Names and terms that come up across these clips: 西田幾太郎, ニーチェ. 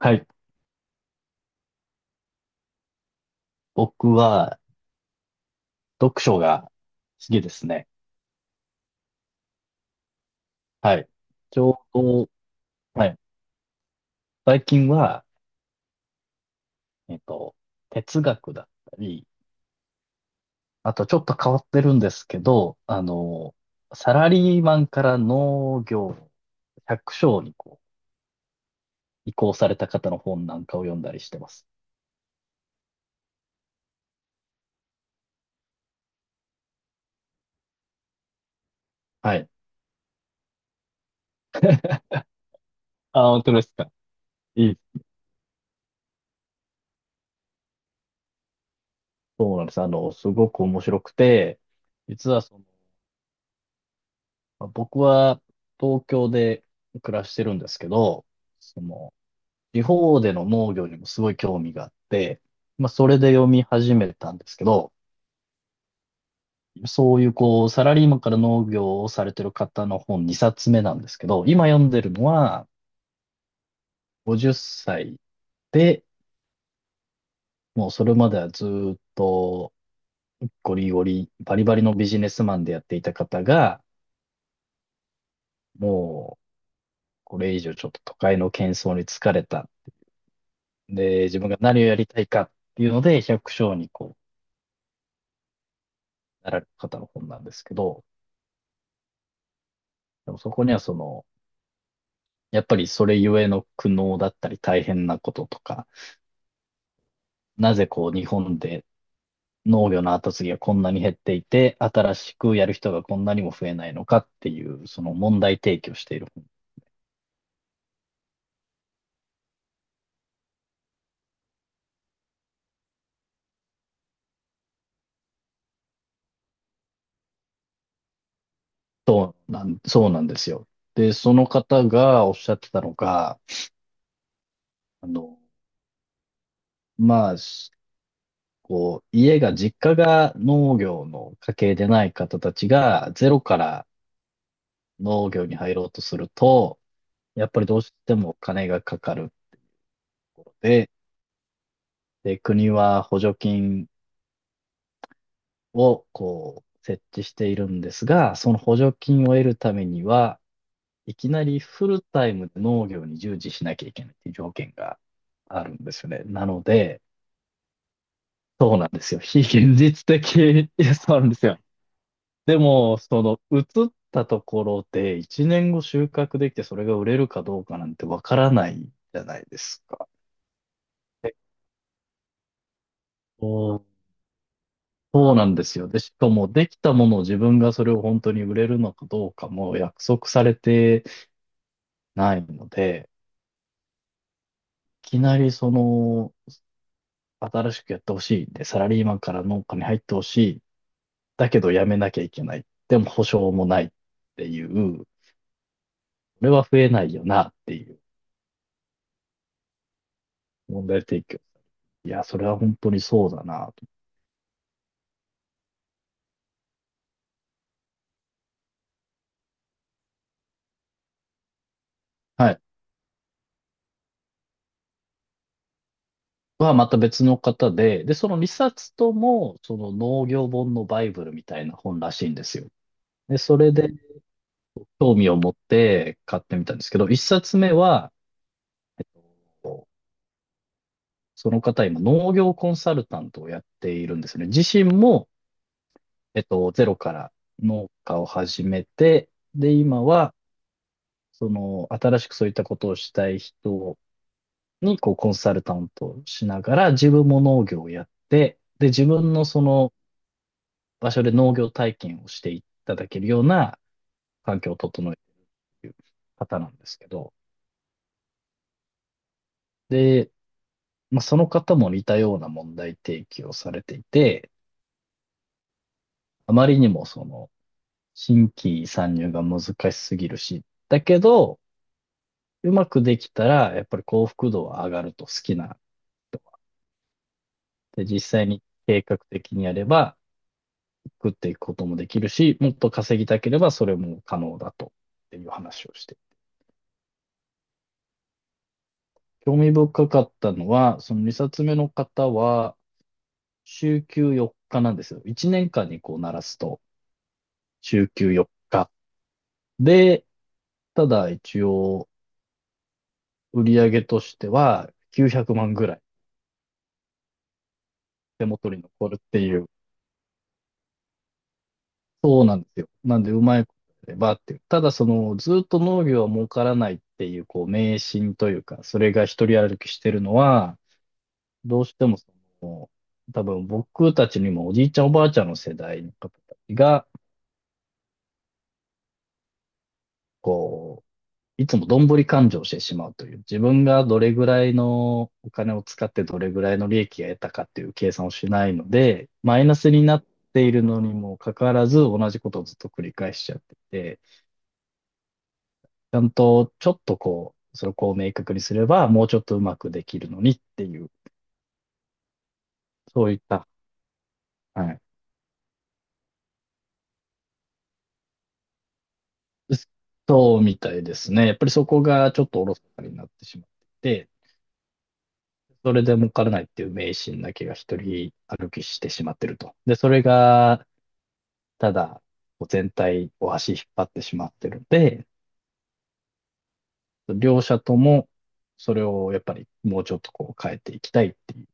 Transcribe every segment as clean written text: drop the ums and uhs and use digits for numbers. はい。僕は読書が好きですね。はい。ちょうど、はい。最近は、えっと、哲学だったり、あとちょっと変わってるんですけど、サラリーマンから農業、百姓にこう移行された方の本なんかを読んだりしてます。はい。あ、本当ですか。いい。そうなんです。あの、すごく面白くて、実はその、まあ僕は東京で暮らしてるんですけど、その、地方での農業にもすごい興味があって、まあ、それで読み始めたんですけど、そういうこう、サラリーマンから農業をされてる方の本2冊目なんですけど、今読んでるのは50歳で、もうそれまではずっとゴリゴリ、バリバリのビジネスマンでやっていた方が、もうこれ以上ちょっと都会の喧騒に疲れた。で、自分が何をやりたいかっていうので、百姓にこう、なられる方の本なんですけど、でもそこにはその、やっぱりそれゆえの苦悩だったり大変なこととか、なぜこう日本で農業の後継ぎがこんなに減っていて、新しくやる人がこんなにも増えないのかっていう、その問題提起をしている。そうなん、そうなんですよ。で、その方がおっしゃってたのが、あの、まあ、しこう、家が、実家が農業の家系でない方たちが、ゼロから農業に入ろうとすると、やっぱりどうしても金がかかるので、で、国は補助金をこう設置しているんですが、その補助金を得るためには、いきなりフルタイムで農業に従事しなきゃいけないっていう条件があるんですよね。なので、そうなんですよ。非現実的 いや、そうなんですよ。でも、その、移ったところで1年後収穫できてそれが売れるかどうかなんてわからないじゃないですか。そうなんですよ。で、しかもできたものを自分がそれを本当に売れるのかどうかも約束されてないので、いきなりその、新しくやってほしい。で、サラリーマンから農家に入ってほしい。だけど辞めなきゃいけない。でも保証もないっていう、これは増えないよなっていう問題提供。いや、それは本当にそうだなと。はい。はまた別の方で、で、その2冊とも、その農業本のバイブルみたいな本らしいんですよ。で、それで、興味を持って買ってみたんですけど、一冊目は、その方今農業コンサルタントをやっているんですね。自身も、ゼロから農家を始めて、で、今は、その、新しくそういったことをしたい人に、こう、コンサルタントをしながら、自分も農業をやって、で、自分のその場所で農業体験をしていただけるような環境を整えている方なんですけど、で、まあ、その方も似たような問題提起をされていて、あまりにもその、新規参入が難しすぎるし、だけど、うまくできたら、やっぱり幸福度は上がると好きな人。で、実際に計画的にやれば、食っていくこともできるし、もっと稼ぎたければそれも可能だと、っていう話をして。興味深かったのは、その2冊目の方は、週休4日なんですよ。1年間にこう鳴らすと、週休4日。で、ただ一応、売り上げとしては900万ぐらい手元に残るっていう。そうなんですよ。なんでうまいことやればっていう。ただその、ずっと農業は儲からないっていう、こう、迷信というか、それが一人歩きしてるのは、どうしてもその、多分僕たちにもおじいちゃんおばあちゃんの世代の方たちが、こいつもどんぶり勘定をしてしまうという、自分がどれぐらいのお金を使ってどれぐらいの利益が得たかっていう計算をしないので、マイナスになっているのにもかかわらず同じことをずっと繰り返しちゃってて、ちゃんとちょっとこう、それをこう明確にすればもうちょっとうまくできるのにっていう、そういった、はい。そうみたいですね。やっぱりそこがちょっとおろそかになってしまってて、それで儲からないっていう迷信だけが一人歩きしてしまってると。で、それがただ、こう全体を足引っ張ってしまってるので、両者ともそれをやっぱりもうちょっとこう変えていきたいっていう。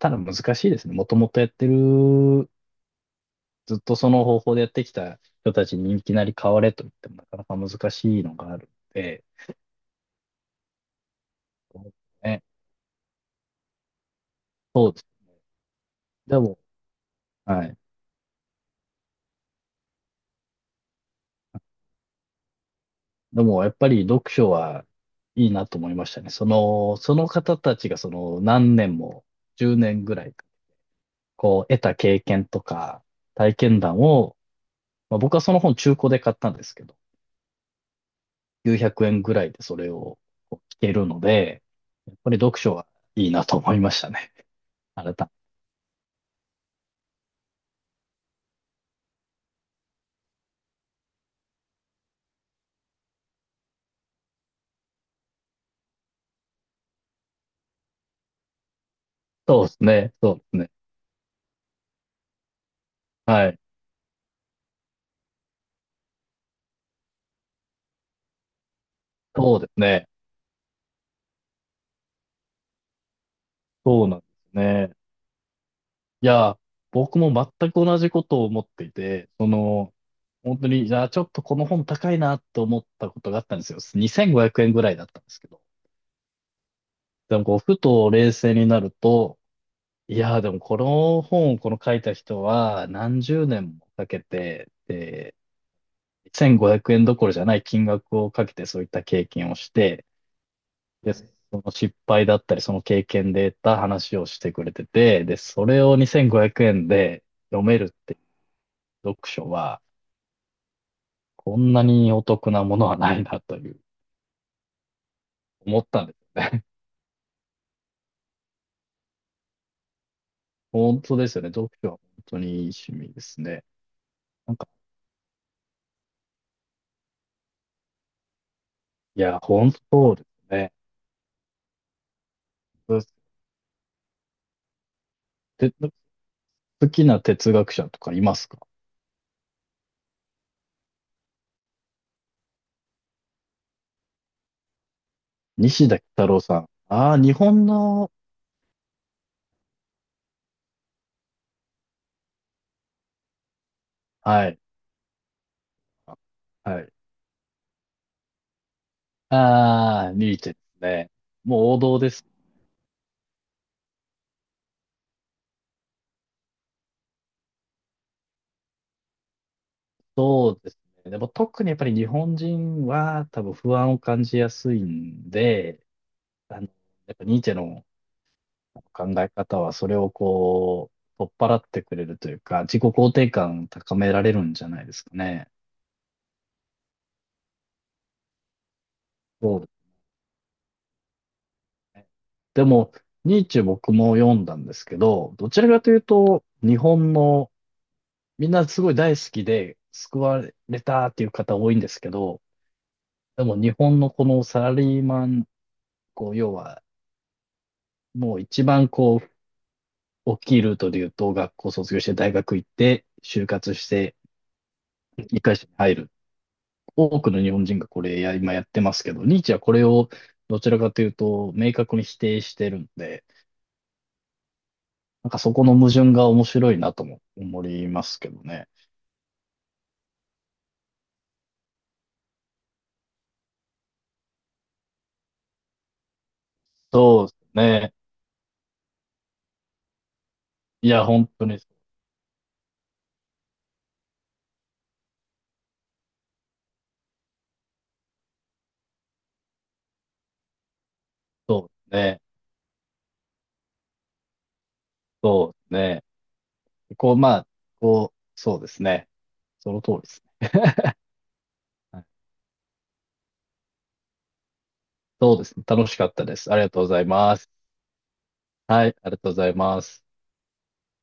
ただ難しいですね。もともとやってる、ずっとその方法でやってきた人たちにいきなり変われと言ってもなかなか難しいのがあるので、ね、そうです。でも、はい。でもやっぱり読書はいいなと思いましたね。その、その方たちがその何年も、10年ぐらい、こう得た経験とか体験談をまあ、僕はその本中古で買ったんですけど、900円ぐらいでそれをこう聞けるので、やっぱり読書はいいなと思いましたね。改めて。そうですね。そうですね。はい。そうですね。そうなんですね。いや、僕も全く同じことを思っていて、その、本当に、じゃあちょっとこの本高いなと思ったことがあったんですよ。2500円ぐらいだったんですけど。でもこう、ふと冷静になると、いやーでもこの本をこの書いた人は何十年もかけて、で、1500円どころじゃない金額をかけてそういった経験をして、で、その失敗だったりその経験で得た話をしてくれてて、で、それを2500円で読めるっていう読書はこんなにお得なものはないなという思ったんですよね。本当ですよね。読書は本当にいい趣味ですね。なんか、いや、本当そうですね。で、好きな哲学者とかいますか？西田幾太郎さん。ああ、日本の、はい、はい。ああ、ニーチェですね。もう王道です。そうですね。でも特にやっぱり日本人は多分不安を感じやすいんで、あの、やっぱニーチェの考え方はそれをこう、取っ払ってくれるというか、自己肯定感高められるんじゃないですかね。そうでも、ニーチェ僕も読んだんですけど、どちらかというと、日本の、みんなすごい大好きで救われたっていう方多いんですけど、でも日本のこのサラリーマン、こう、要は、もう一番こう、大きいルートで言うと、学校卒業して大学行って、就活して、一回社に入る。多くの日本人がこれや、今やってますけど、ニーチェはこれをどちらかというと、明確に否定してるんで、なんかそこの矛盾が面白いなとも思いますけどね。そうですね。いや、本当にそうですね。そうですね。こう、まあ、こう、そうですね。その通りですね。はい、そうですね。楽しかったです。ありがとうございます。はい、ありがとうございます。